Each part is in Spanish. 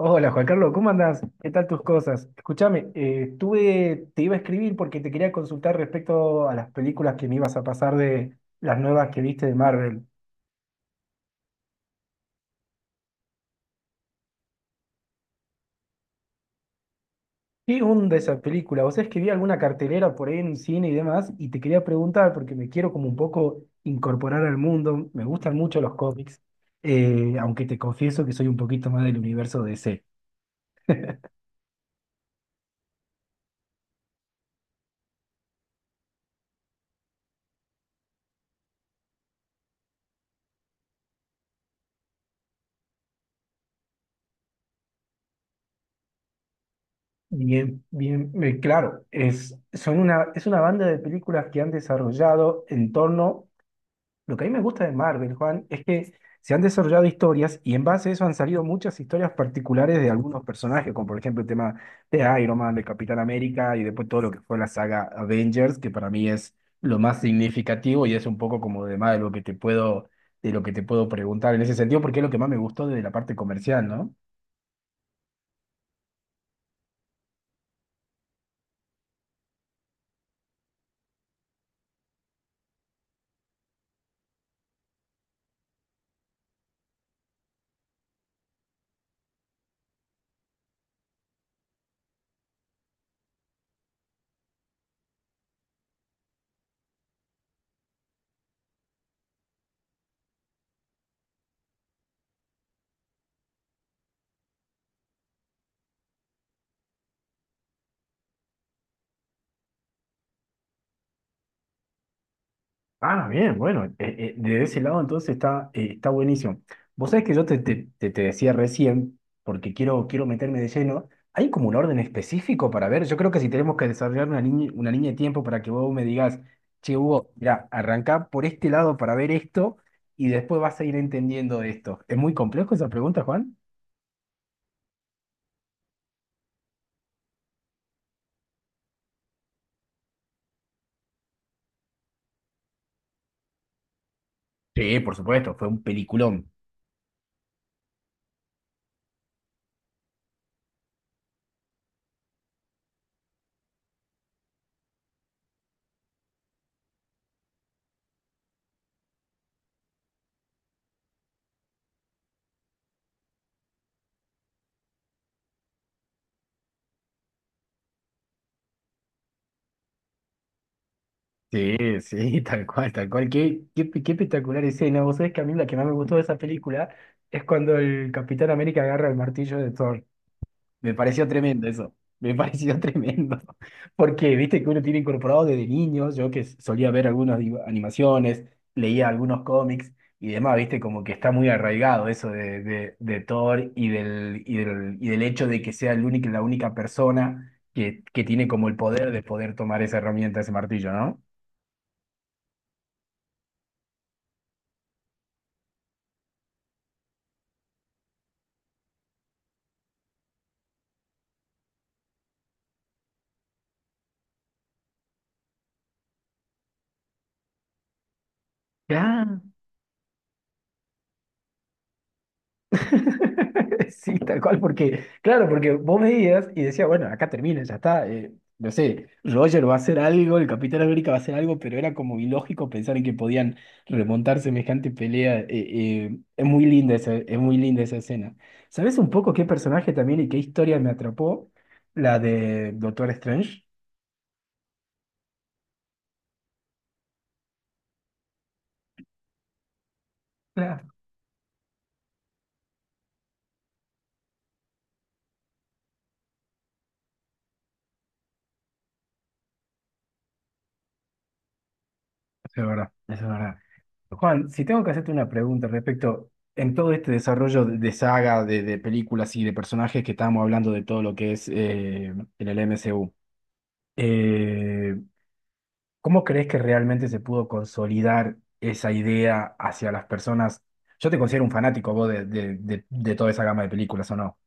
Hola Juan Carlos, ¿cómo andás? ¿Qué tal tus cosas? Escúchame, te iba a escribir porque te quería consultar respecto a las películas que me ibas a pasar de las nuevas que viste de Marvel. ¿Qué onda esa película? O sea, es que vi alguna cartelera por ahí en el cine y demás y te quería preguntar porque me quiero como un poco incorporar al mundo. Me gustan mucho los cómics, aunque te confieso que soy un poquito más del universo D C. Bien, bien, claro, es una banda de películas que han desarrollado en torno. Lo que a mí me gusta de Marvel, Juan, es que se han desarrollado historias y en base a eso han salido muchas historias particulares de algunos personajes, como por ejemplo el tema de Iron Man, de Capitán América y después todo lo que fue la saga Avengers, que para mí es lo más significativo y es un poco como de más de lo que te puedo preguntar en ese sentido, porque es lo que más me gustó de la parte comercial, ¿no? Ah, bien, bueno, de ese lado entonces está, está buenísimo. Vos sabés que yo te decía recién, porque quiero meterme de lleno. ¿Hay como un orden específico para ver? Yo creo que si tenemos que desarrollar una línea de tiempo para que vos me digas, che, Hugo, mira, arrancá por este lado para ver esto y después vas a ir entendiendo esto. ¿Es muy complejo esa pregunta, Juan? Sí, por supuesto, fue un peliculón. Sí, sí, tal cual, tal cual. Qué espectacular escena. Vos sabés que a mí la que más me gustó de esa película es cuando el Capitán América agarra el martillo de Thor. Me pareció tremendo eso. Me pareció tremendo. Porque viste que uno tiene incorporado desde niño, yo que solía ver algunas animaciones, leía algunos cómics y demás, viste, como que está muy arraigado eso de Thor y del hecho de que sea la única persona que tiene como el poder de poder tomar esa herramienta, ese martillo, ¿no? Ah, sí, tal cual, porque, claro, porque vos veías y decías, bueno, acá termina, ya está, no sé, Roger va a hacer algo, el Capitán América va a hacer algo, pero era como ilógico pensar en que podían remontar semejante pelea, es muy linda esa escena. ¿Sabes un poco qué personaje también y qué historia me atrapó? La de Doctor Strange. Eso es verdad, eso es verdad. Juan, si tengo que hacerte una pregunta respecto en todo este desarrollo de saga, de películas y de personajes que estábamos hablando de todo lo que es en el MCU, eh, ¿cómo crees que realmente se pudo consolidar esa idea hacia las personas? Yo te considero un fanático vos de toda esa gama de películas, ¿o no?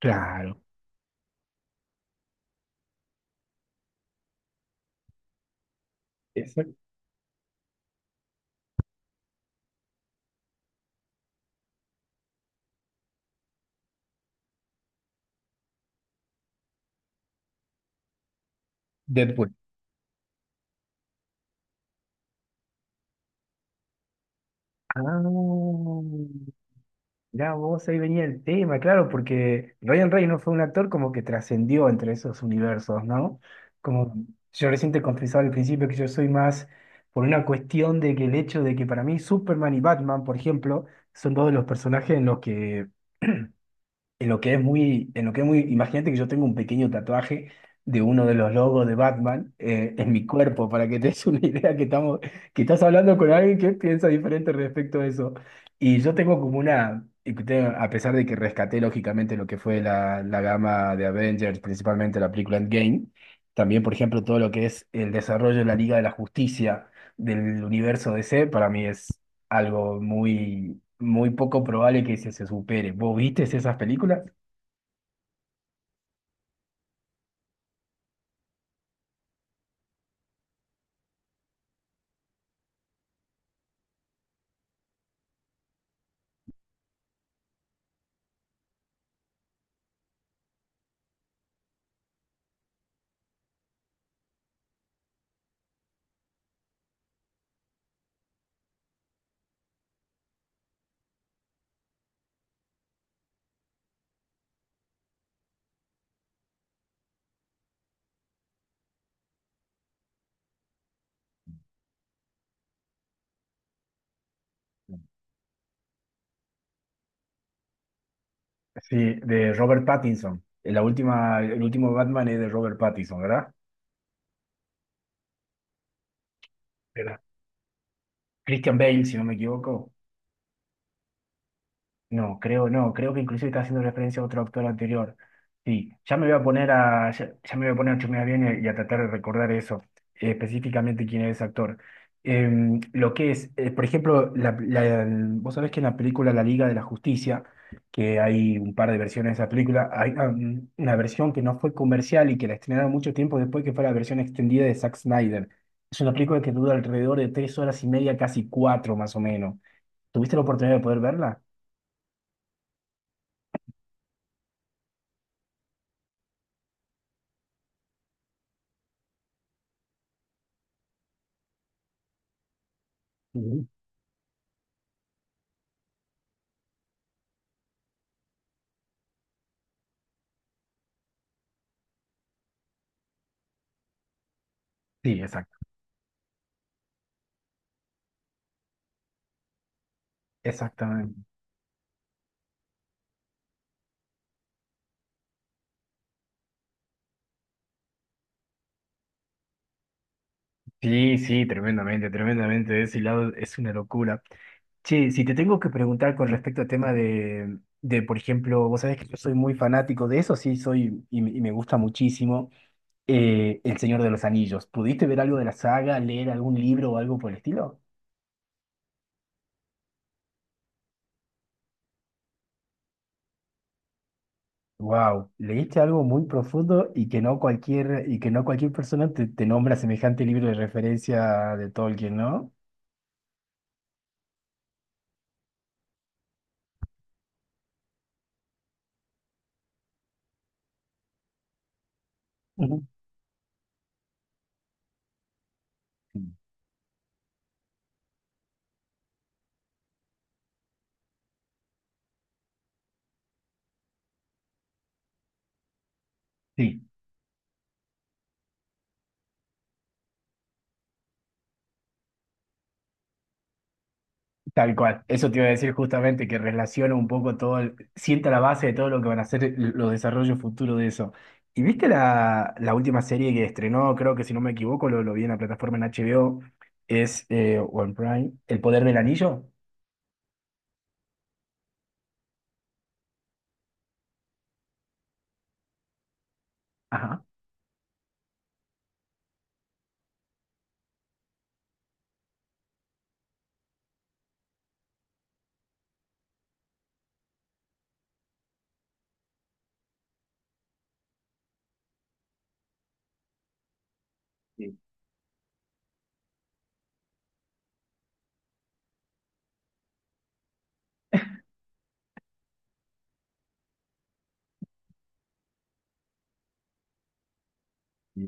Claro. Exacto. Deadpool. Ah. Ya vos ahí venía el tema, claro, porque Ryan Reynolds fue un actor como que trascendió entre esos universos, ¿no? Como yo recién te confesaba al principio que yo soy más por una cuestión de que el hecho de que para mí Superman y Batman, por ejemplo, son dos de los personajes en los que en lo que es muy, imagínate que yo tengo un pequeño tatuaje de uno de los logos de Batman, en mi cuerpo, para que te des una idea que estamos, que estás hablando con alguien que piensa diferente respecto a eso. Y yo tengo como una, y que a pesar de que rescaté lógicamente lo que fue la gama de Avengers, principalmente la película Endgame, también por ejemplo todo lo que es el desarrollo de la Liga de la Justicia del universo D C para mí es algo muy, muy poco probable que se supere. ¿Vos viste esas películas? Sí, de Robert Pattinson. La última, el último Batman es de Robert Pattinson, ¿verdad? Era- Christian Bale, si no me equivoco. No, creo no, creo que inclusive está haciendo referencia a otro autor anterior. Sí, ya me voy a poner a, ya, ya me voy a poner a chusmear bien y a tratar de recordar eso, específicamente quién es ese actor. Em, lo que es, por ejemplo, vos sabés que en la película La Liga de la Justicia, que hay un par de versiones de esa película, hay una versión que no fue comercial y que la estrenaron mucho tiempo después, que fue la versión extendida de Zack Snyder. Es una película que dura alrededor de tres horas y media, casi cuatro más o menos. ¿Tuviste la oportunidad de poder verla? Sí, exacto, exactamente. Sí, sí, tremendamente, tremendamente. De ese lado es una locura. Che, si te tengo que preguntar con respecto al tema por ejemplo, vos sabés que yo soy muy fanático de eso, sí, soy me gusta muchísimo, El Señor de los Anillos. ¿Pudiste ver algo de la saga, leer algún libro o algo por el estilo? Wow, leíste algo muy profundo y que no cualquier persona te nombra semejante libro de referencia de Tolkien, ¿no? Ujú. Sí. Tal cual, eso te iba a decir justamente, que relaciona un poco todo, sienta la base de todo lo que van a ser los desarrollos futuros de eso. ¿Y viste la última serie que estrenó? Creo que si no me equivoco, lo vi en la plataforma en HBO, es o en Prime, El Poder del Anillo. Ajá. Sí, sí.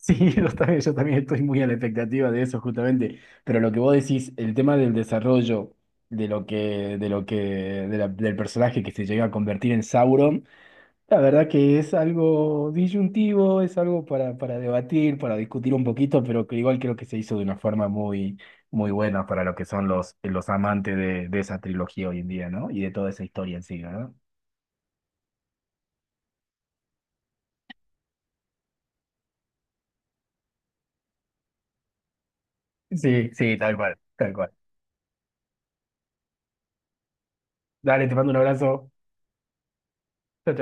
Sí, yo también estoy muy a la expectativa de eso justamente, pero lo que vos decís, el tema del desarrollo de lo que, del personaje que se llega a convertir en Sauron. La verdad que es algo disyuntivo, es algo para debatir, para discutir un poquito, pero que igual creo que se hizo de una forma muy, muy buena para lo que son los amantes de esa trilogía hoy en día, ¿no? Y de toda esa historia en sí, ¿no? Sí, sí, tal cual, tal cual. Dale, te mando un abrazo. Chao,